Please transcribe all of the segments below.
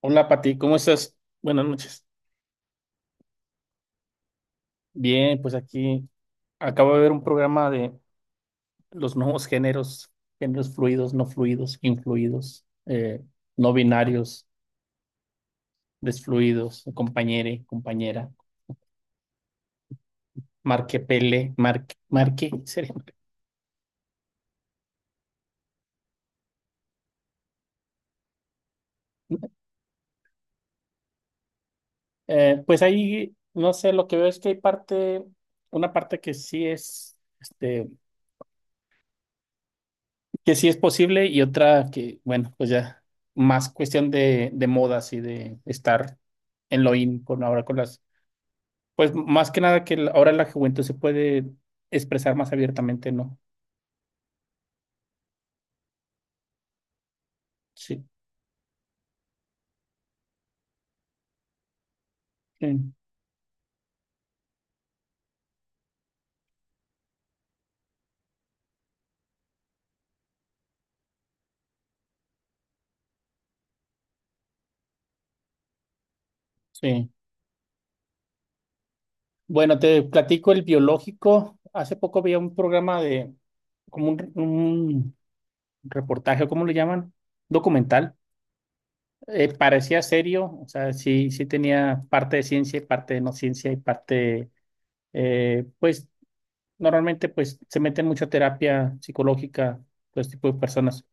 Hola Pati, ¿cómo estás? Buenas noches. Bien, pues aquí acabo de ver un programa de los nuevos géneros, géneros fluidos, no fluidos, influidos, no binarios, desfluidos, compañere, compañera, marquepele, marque, marque, sería. Pues ahí, no sé, lo que veo es que hay parte, una parte que sí es, este, que sí es posible y otra que, bueno, pues ya más cuestión de modas y de estar en lo in con ahora con las, pues más que nada que la- ahora la juventud se puede expresar más abiertamente, ¿no? Sí, sí, sí. Bueno, te platico el biológico. Hace poco veía un programa de, como un reportaje, o ¿cómo le llaman? Documental. Parecía serio, o sea, sí, sí tenía parte de ciencia y parte de no ciencia y parte pues normalmente, pues, se meten mucha terapia psicológica, todo este tipo de personas.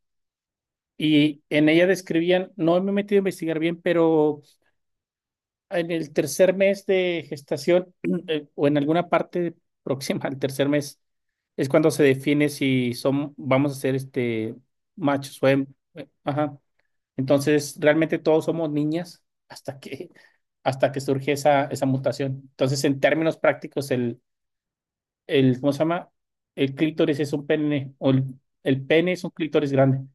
Y en ella describían, no me he metido a investigar bien, pero en el tercer mes de gestación o en alguna parte próxima al tercer mes es cuando se define si son, vamos a ser este machos o ajá. Entonces, realmente todos somos niñas hasta que hasta que surge esa, esa mutación. Entonces, en términos prácticos, el, ¿cómo se llama? El clítoris es un pene, o el pene es un clítoris grande.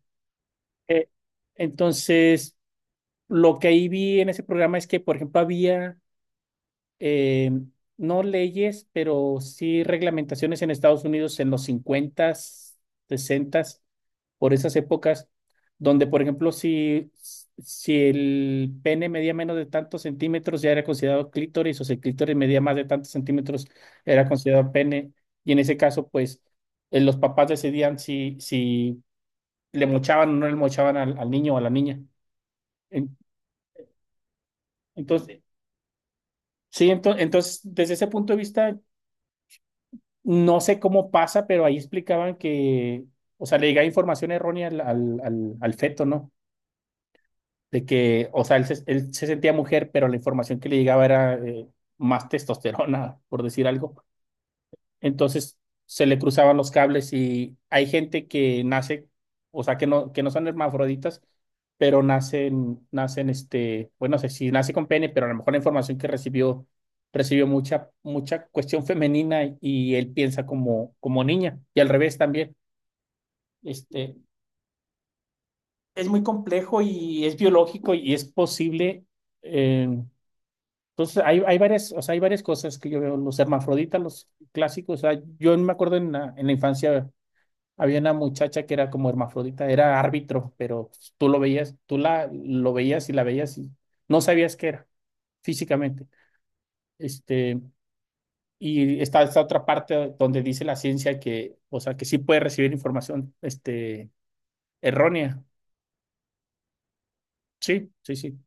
Eh, entonces, lo que ahí vi en ese programa es que, por ejemplo, había eh, no leyes, pero sí reglamentaciones en Estados Unidos en los 50s, por esas épocas, donde, por ejemplo, si, si el pene medía menos de tantos centímetros, ya era considerado clítoris, o si el clítoris medía más de tantos centímetros, era considerado pene. Y en ese caso, pues, los papás decidían si, si le mochaban o no le mochaban al, al niño o a la niña. En- Entonces, sí, entonces, desde ese punto de vista no sé cómo pasa, pero ahí explicaban que, o sea, le llegaba información errónea al feto, ¿no? De que, o sea, él se sentía mujer, pero la información que le llegaba era más testosterona, por decir algo. Entonces se le cruzaban los cables y hay gente que nace, o sea, que no son hermafroditas, pero nacen, nacen este, bueno, no sé si nace con pene, pero a lo mejor la información que recibió, recibió mucha, mucha cuestión femenina y él piensa como, como niña y al revés también. Este, es muy complejo y es biológico y es posible. eh, entonces, hay varias, o sea, hay varias cosas que yo veo, los hermafroditas, los clásicos, o sea, yo me acuerdo en la infancia. Había una muchacha que era como hermafrodita, era árbitro, pero tú lo veías, tú la lo veías y la veías y no sabías qué era físicamente. Este, y está esta otra parte donde dice la ciencia que, o sea, que sí puede recibir información, este, errónea. Sí, sí, sí.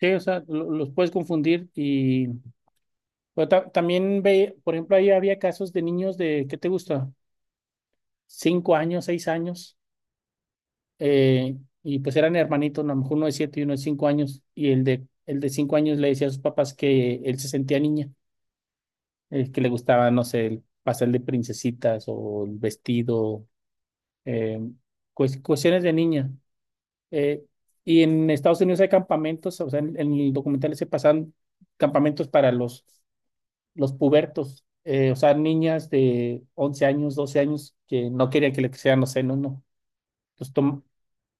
Sí, o sea, los puedes confundir y pero también ve, por ejemplo, ahí había casos de niños de, ¿qué te gusta? Cinco años, seis años, eh, y pues eran hermanitos, ¿no? A lo mejor uno de siete y uno de cinco años, y el de cinco años le decía a sus papás que él se sentía niña, que le gustaba, no sé, el pastel de princesitas o el vestido, eh, cuestiones de niña. Eh, y en Estados Unidos hay campamentos, o sea, en el documental se pasan campamentos para los pubertos. O sea, niñas de 11 años, 12 años que no querían que le sean, no sé, no, no. Entonces,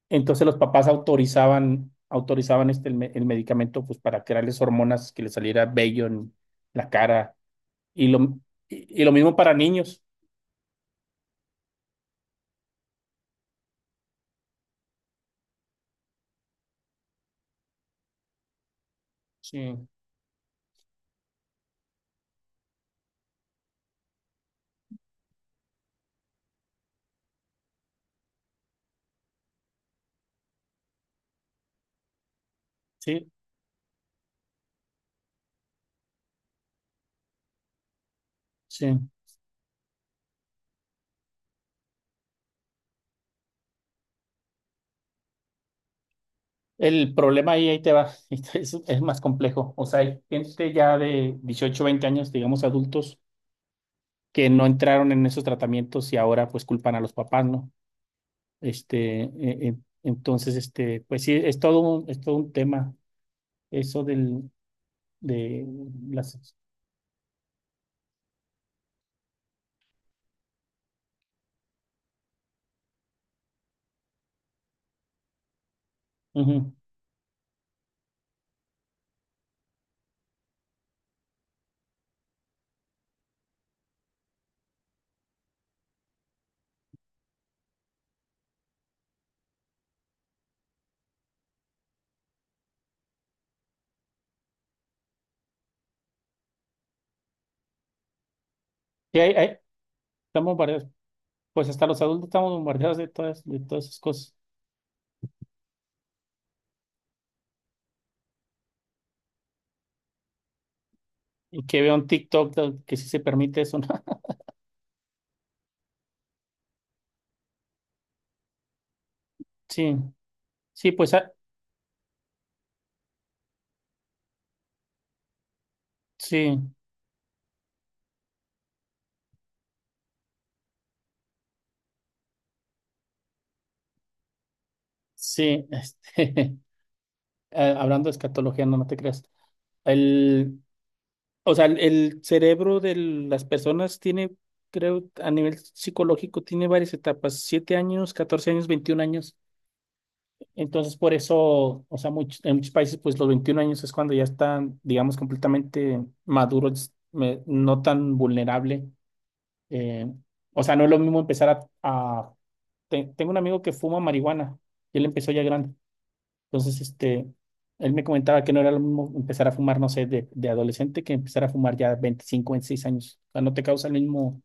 entonces los papás autorizaban, autorizaban este, el medicamento pues para crearles hormonas que les saliera bello en la cara y lo, y lo mismo para niños. Sí, sí, sí. El problema ahí, ahí te va, es más complejo. O sea, hay gente ya de 18, 20 años, digamos adultos, que no entraron en esos tratamientos y ahora pues culpan a los papás, ¿no? Este, entonces, este, pues sí, es todo un tema, eso del, de las... Ujú. Y ahí, ahí estamos bombardeados, pues hasta los adultos estamos bombardeados de todas esas cosas. Y que veo un TikTok que sí se permite eso, ¿no? Sí, sí, pues ah, sí, sí, este, hablando de escatología, no, no te creas. El, o sea, el cerebro de las personas tiene, creo, a nivel psicológico, tiene varias etapas, 7 años, 14 años, 21 años. Entonces, por eso, o sea, en muchos países, pues los 21 años es cuando ya están, digamos, completamente maduros, no tan vulnerable. eh, o sea, no es lo mismo empezar a... tengo un amigo que fuma marihuana y él empezó ya grande. Entonces, este, él me comentaba que no era lo mismo empezar a fumar, no sé, de adolescente que empezar a fumar ya 25, 26 años. O sea, no te causa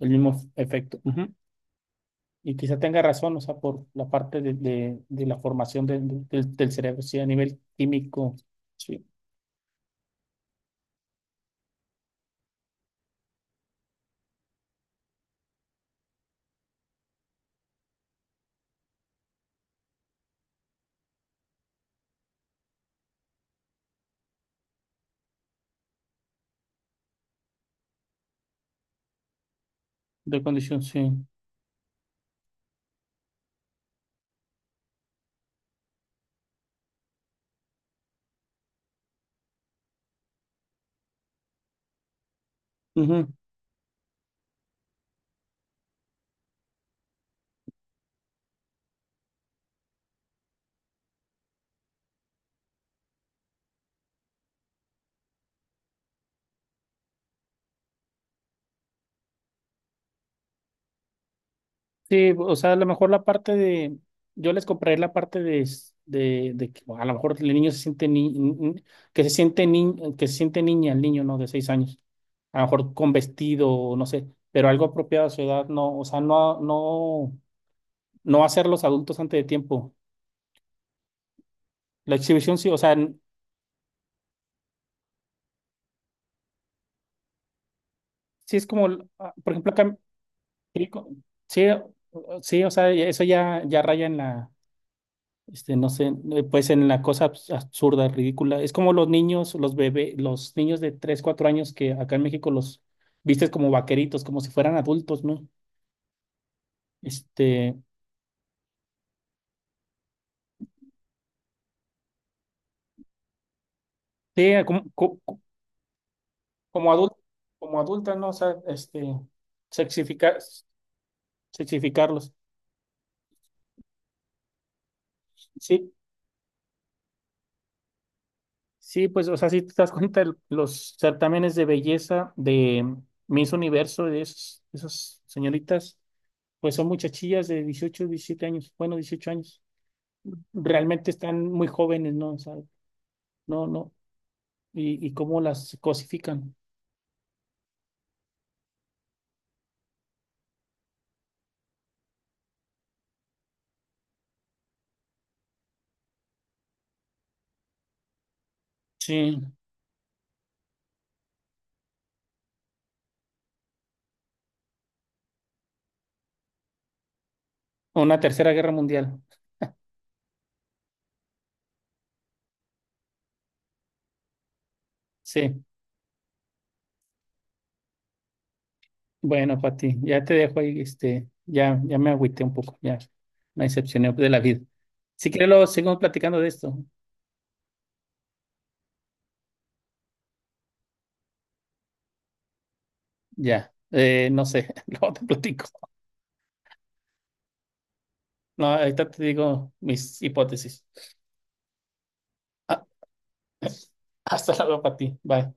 el mismo efecto. Y quizá tenga razón, o sea, por la parte de la formación del cerebro, sí, a nivel químico, sí, de condición, sí. Ujú. Sí, o sea, a lo mejor la parte de, yo les compraré la parte de, de que a lo mejor el niño se siente que se siente niña, el niño, ¿no? De seis años, a lo mejor con vestido, no sé, pero algo apropiado a su edad, no, o sea, no, no, no hacer los adultos antes de tiempo. La exhibición, sí, o sea, sí es como, ah, por ejemplo, acá. Sí, co- sí, sí, o sea, eso ya, ya raya en la, este, no sé, pues en la cosa absurda, ridícula. Es como los niños, los bebés, los niños de 3 4 años que acá en México los vistes como vaqueritos, como si fueran adultos, ¿no? Este, sí, como, adultos, como adulta, ¿no? O sea, este, sexificar, sexificarlos. Sí, sí, pues, o sea, si te das cuenta, los certámenes de belleza de Miss Universo, esas señoritas pues son muchachillas de 18, 17 años, bueno, 18 años. Realmente están muy jóvenes, ¿no? O sea, no, no. Y cómo las cosifican. Sí, una tercera guerra mundial. Sí, bueno, Pati, ya te dejo ahí, este, ya, ya me agüité un poco, ya me decepcioné de la vida. Si quieres, luego seguimos platicando de esto. Ya, no sé, luego te platico. No, ahorita te digo mis hipótesis. Ah, hasta luego, Pati. Bye.